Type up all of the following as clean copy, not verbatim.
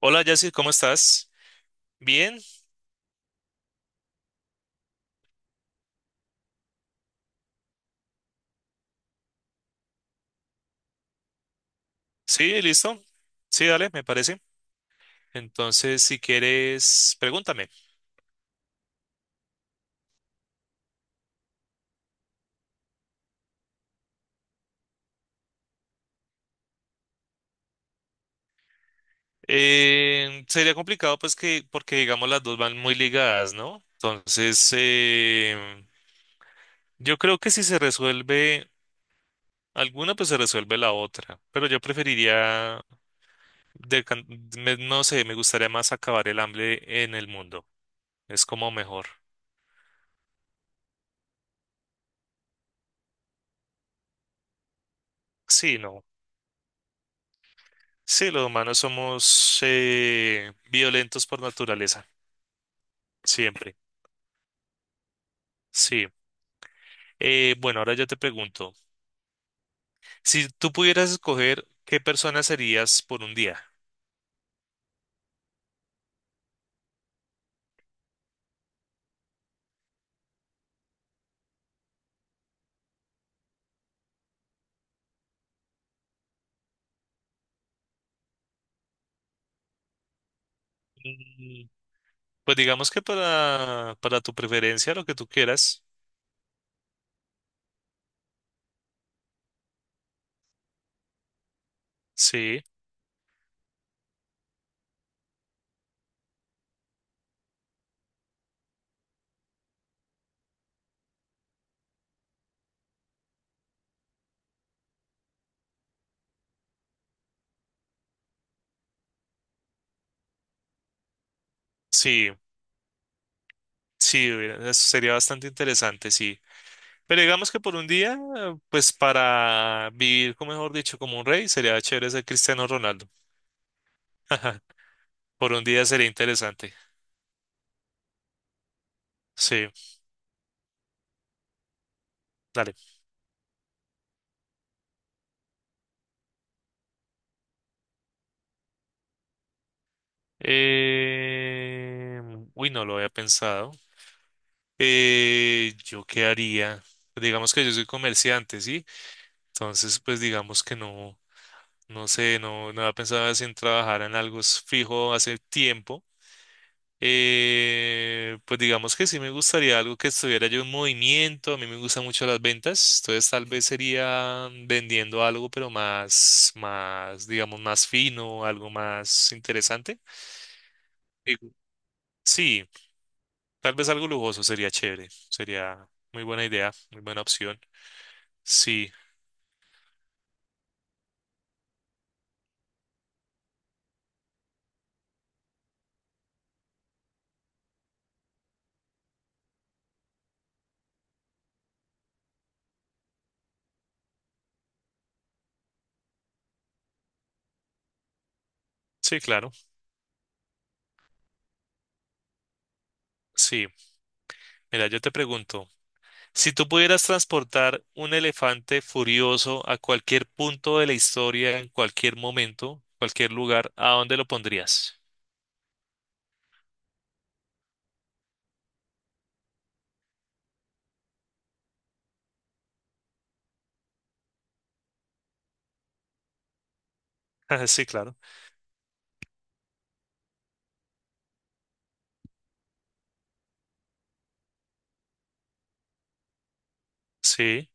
Hola, Jessy, ¿cómo estás? Bien, sí, listo. Sí, dale, me parece. Entonces, si quieres, pregúntame. Sería complicado, pues, porque digamos las dos van muy ligadas, ¿no? Yo creo que si se resuelve alguna, pues se resuelve la otra. Pero yo preferiría, de can- no sé, me gustaría más acabar el hambre en el mundo. Es como mejor. Sí, no. Sí, los humanos somos violentos por naturaleza. Siempre, sí. Bueno, ahora yo te pregunto, si tú pudieras escoger qué persona serías por un día. Mm, pues digamos que para tu preferencia, lo que tú quieras, sí, sí, sí, eso sería bastante interesante, sí. Pero digamos que por un día, pues para vivir, como mejor dicho, como un rey, sería chévere ser Cristiano Ronaldo. Por un día sería interesante. Sí, dale. Eh, Uy, no lo había pensado. ¿Yo qué haría? Digamos que yo soy comerciante, ¿sí? Entonces, pues digamos que no, no sé, no, pensaba en trabajar en algo fijo hace tiempo. Pues digamos que sí me gustaría algo que estuviera yo en movimiento. A mí me gustan mucho las ventas, entonces tal vez sería vendiendo algo, pero más, digamos, más fino, algo más interesante. Digo, sí, tal vez algo lujoso sería chévere, sería muy buena idea, muy buena opción. Sí. Sí, claro. Sí. Mira, yo te pregunto, si tú pudieras transportar un elefante furioso a cualquier punto de la historia, en cualquier momento, cualquier lugar, ¿a dónde lo pondrías? Sí, claro. Sí.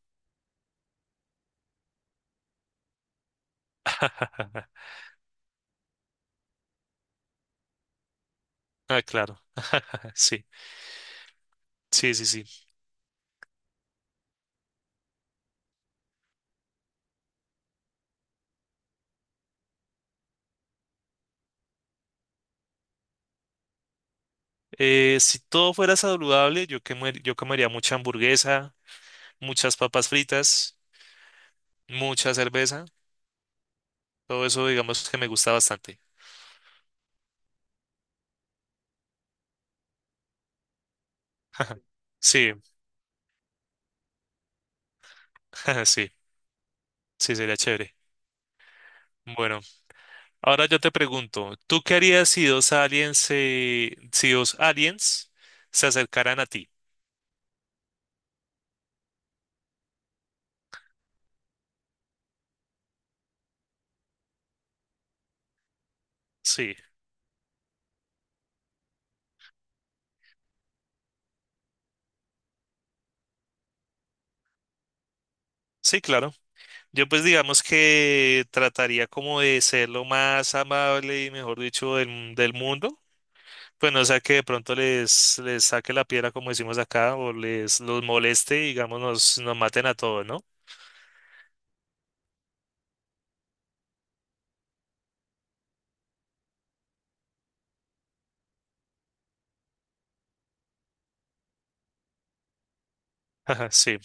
Ah, claro. Sí, sí, sí, sí. Si todo fuera saludable, yo, yo comería mucha hamburguesa, muchas papas fritas, mucha cerveza, todo eso digamos que me gusta bastante. Sí, sí, sí, sería chévere. Bueno, ahora yo te pregunto, ¿tú qué harías si si dos aliens se acercaran a ti? Sí, sí, claro. Yo pues digamos que trataría como de ser lo más amable y mejor dicho del mundo. Pues no sea que de pronto les saque la piedra como decimos acá o les los moleste y digamos nos maten a todos, ¿no? Ajá, sí.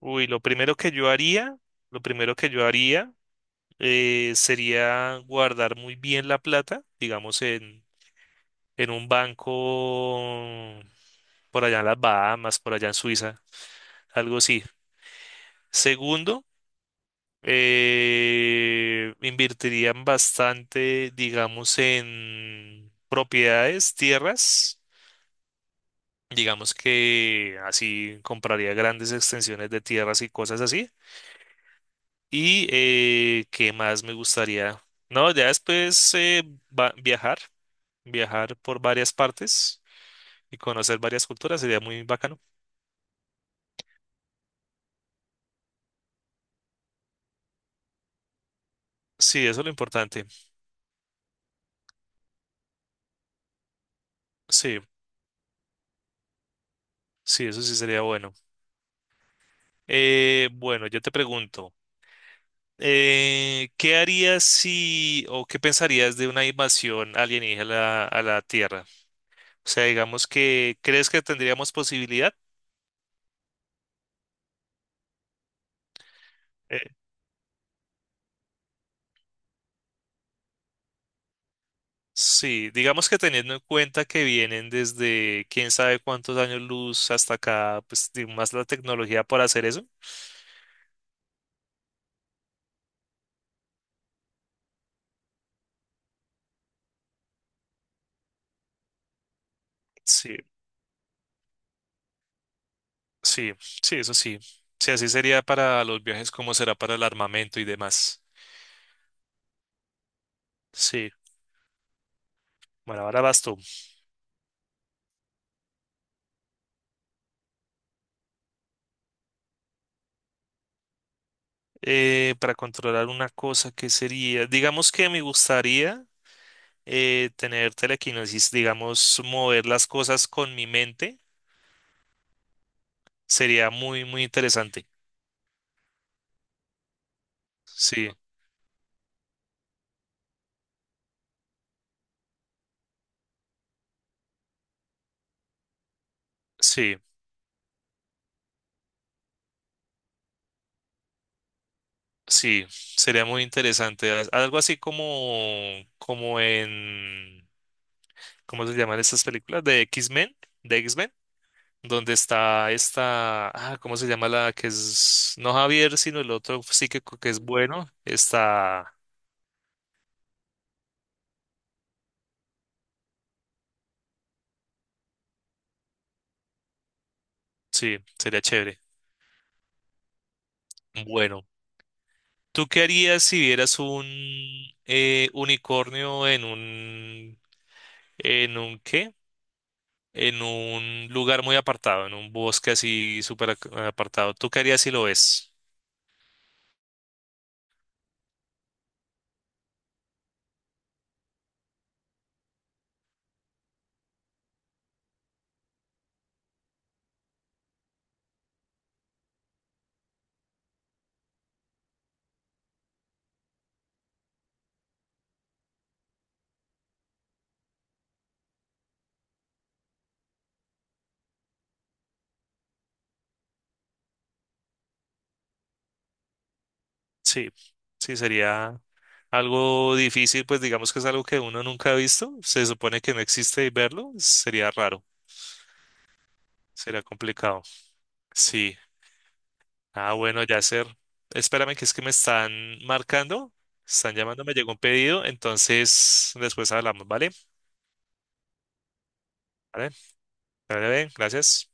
Uy, lo primero que yo haría sería guardar muy bien la plata, digamos en un banco por allá en las Bahamas, por allá en Suiza, algo así. Segundo, invertirían bastante, digamos, en propiedades, tierras. Digamos que así compraría grandes extensiones de tierras y cosas así. Y qué más me gustaría. No, ya después viajar, viajar por varias partes y conocer varias culturas sería muy bacano. Sí, eso es lo importante. Sí, sí, eso sí sería bueno. Bueno, yo te pregunto, ¿qué harías si o qué pensarías de una invasión alienígena a la Tierra? O sea, digamos que, ¿crees que tendríamos posibilidad? Sí, digamos que teniendo en cuenta que vienen desde quién sabe cuántos años luz hasta acá, más la tecnología para hacer eso. Sí, sí, sí, eso sí. Sí, así sería para los viajes, como será para el armamento y demás. Sí, bueno, ahora vas tú. Para controlar una cosa que sería, digamos que me gustaría tener telequinesis, digamos, mover las cosas con mi mente. Sería muy, muy interesante. Sí, sí, sí, sería muy interesante. Algo así como, como en, ¿cómo se llaman estas películas? De X-Men, donde está esta, ah, ¿cómo se llama la que es, no Javier, sino el otro psíquico que es bueno? Está, sí, sería chévere. Bueno, ¿tú qué harías si vieras un unicornio en un qué? En un lugar muy apartado, en un bosque así apartado. ¿Tú qué harías si lo ves? Sí, sí, sería algo difícil, pues digamos que es algo que uno nunca ha visto. Se supone que no existe y verlo sería raro, sería complicado. Sí. Ah, bueno, Yacer. Espérame, que es que me están marcando, están llamando, me llegó un pedido, entonces después hablamos, ¿vale? Vale, vale, vale, gracias.